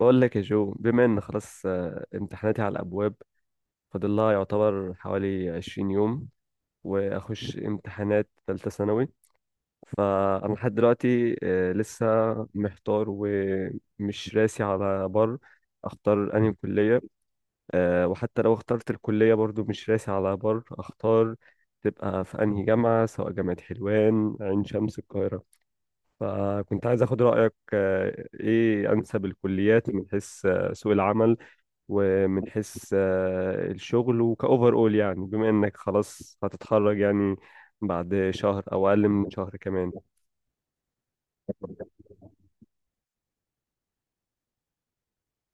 بقول لك يا جو بما ان خلاص امتحاناتي على الابواب. فاضل لها يعتبر حوالي 20 يوم واخش امتحانات ثالثه ثانوي. فانا لحد دلوقتي لسه محتار ومش راسي على بر، اختار انهي كليه. وحتى لو اخترت الكليه برضو مش راسي على بر اختار تبقى في انهي جامعه، سواء جامعه حلوان، عين شمس، القاهره. فكنت عايز اخد رايك ايه انسب الكليات من حيث سوق العمل، ومن حيث الشغل وكأوفر أول، يعني بما إنك خلاص هتتخرج يعني بعد شهر أو أقل من شهر كمان.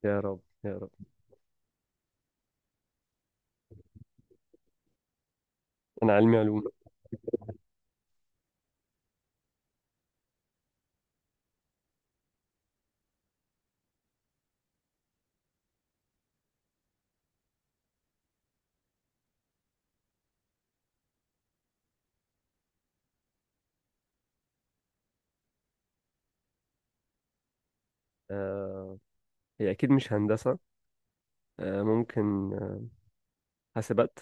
يا رب يا رب. أنا علمي علوم. آه، هي أكيد مش هندسة. ممكن حاسبات.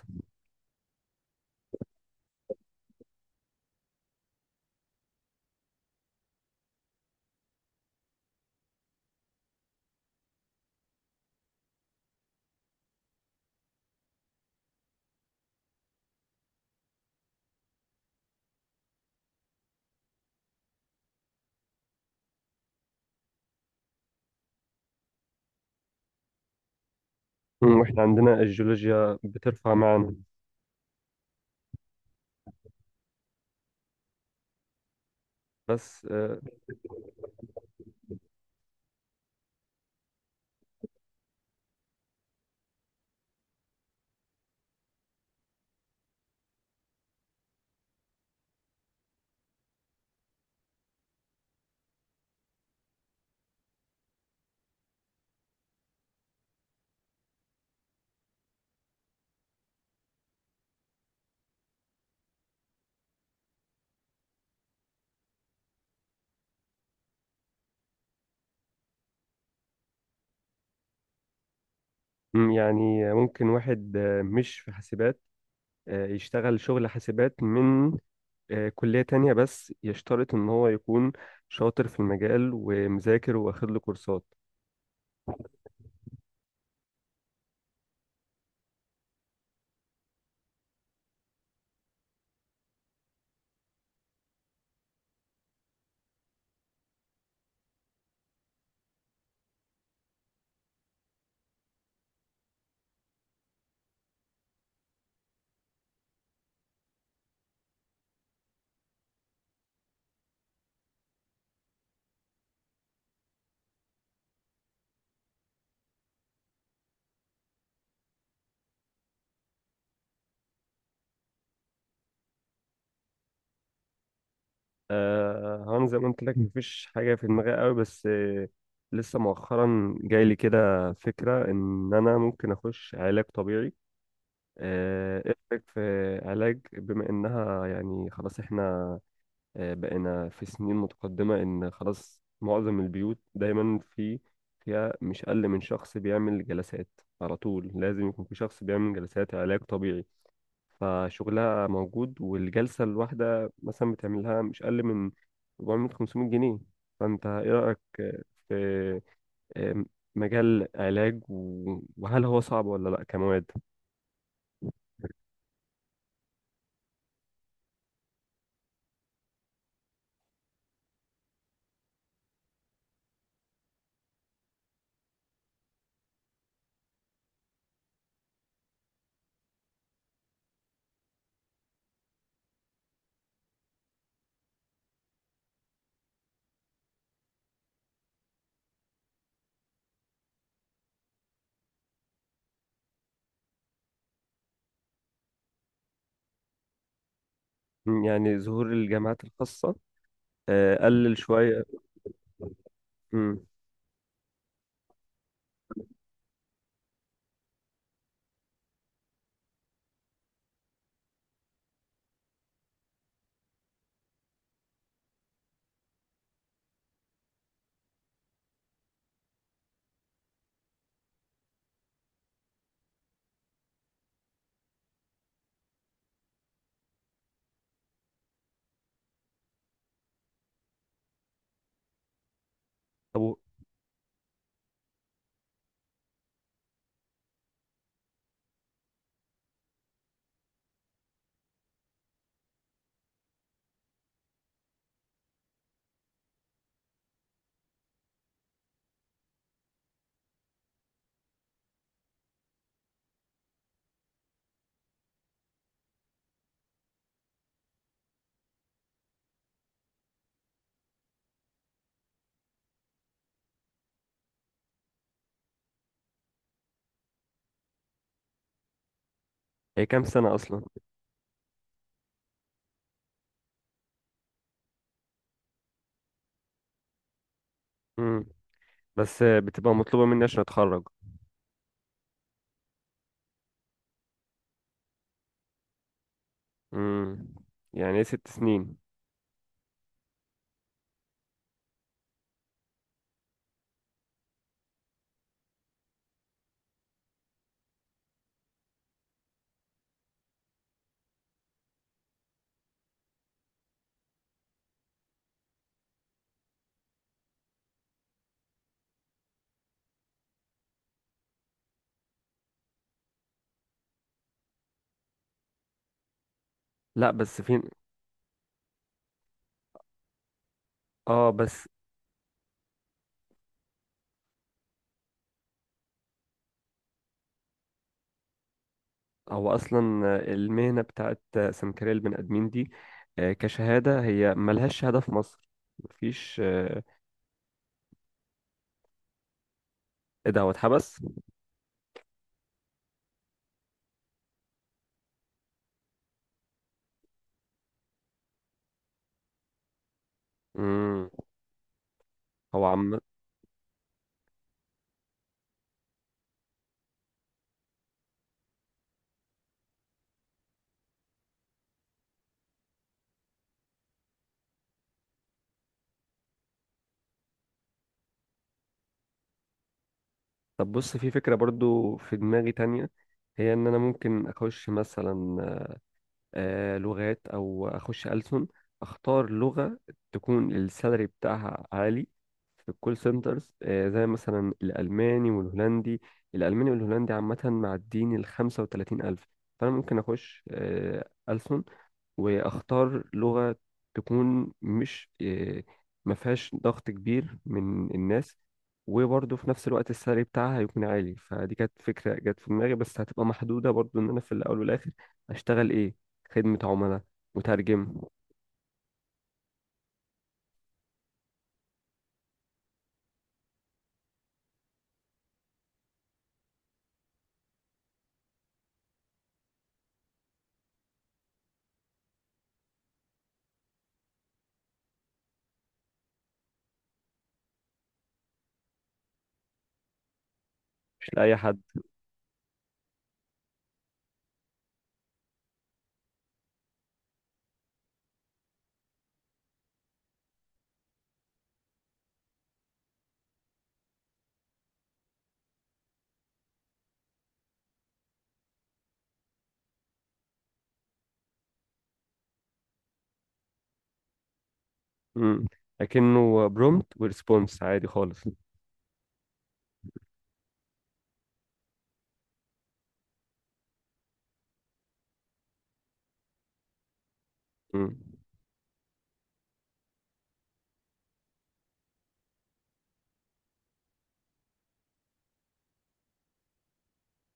وإحنا عندنا الجيولوجيا بترفع معانا، بس. يعني ممكن واحد مش في حاسبات يشتغل شغل حاسبات من كلية تانية، بس يشترط إن هو يكون شاطر في المجال ومذاكر واخد له كورسات. هان زي ما قلت لك مفيش حاجة في دماغي قوي بس لسه مؤخرا جاي لي كده فكرة إن أنا ممكن أخش علاج طبيعي. إيه رأيك في علاج، بما إنها يعني خلاص إحنا بقينا في سنين متقدمة، إن خلاص معظم البيوت دايما في فيها مش أقل من شخص بيعمل جلسات. على طول لازم يكون في شخص بيعمل جلسات علاج طبيعي، فشغلها موجود، والجلسة الواحدة مثلا بتعملها مش أقل من 400 500 جنيه. فأنت إيه رأيك في آه، مجال علاج وهل هو صعب ولا لأ كمواد؟ يعني ظهور الجامعات الخاصة قلل شوية. مم. طب هي كام سنة أصلا؟ مم. بس بتبقى مطلوبة مني عشان أتخرج. مم. يعني إيه، 6 سنين. لأ بس فين. اه بس. هو اصلا المهنه بتاعت سمكري البني ادمين دي كشهاده، هي ملهاش شهاده في مصر. مفيش. ايه ده، هو اتحبس؟ امم. هو عم. طب بص، في فكره برضو في دماغي تانية، هي ان انا ممكن اخش مثلا لغات او اخش ألسن، اختار لغة تكون السالري بتاعها عالي في الكول سنترز، زي مثلا الالماني والهولندي. الالماني والهولندي عامة معديين ال 35,000. فانا ممكن اخش ألسن واختار لغة تكون مش ما فيهاش ضغط كبير من الناس، وبرضه في نفس الوقت السعر بتاعها هيكون عالي. فدي كانت فكرة جت في دماغي، بس هتبقى محدودة برضه ان انا في الاول والاخر اشتغل ايه، خدمة عملاء، مترجم. مش لأي حد. مم. لكنه برومت وريسبونس عادي خالص. مم.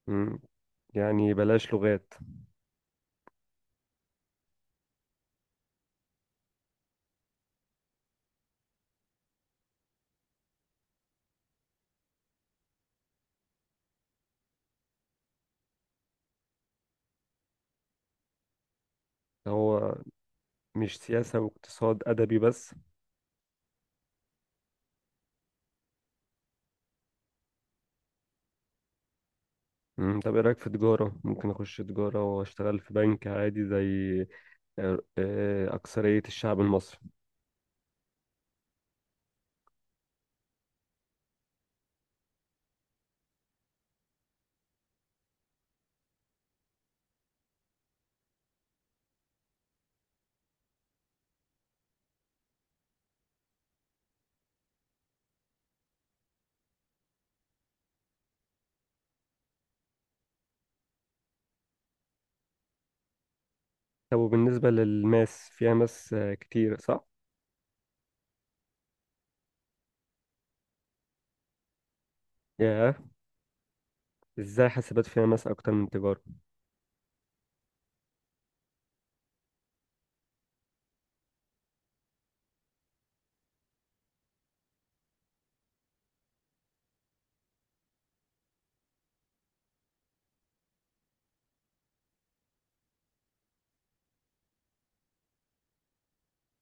مم. يعني بلاش لغات. هو مش سياسة واقتصاد أدبي بس؟ طب ايه رأيك في تجارة، ممكن اخش تجارة واشتغل في بنك عادي زي أكثرية الشعب المصري. طب وبالنسبة للماس، فيها ماس كتير صح؟ ياه. ازاي حاسبات فيها ماس اكتر من تجارة؟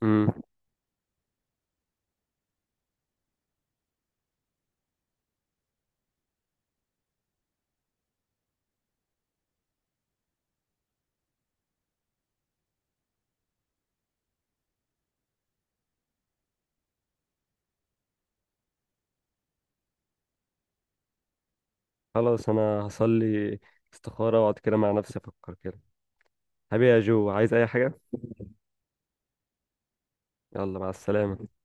مم. خلاص انا هصلي استخارة واقعد كده مع نفسي افكر كده. حبيبي يا جو، عايز اي حاجة؟ يلا مع السلامة.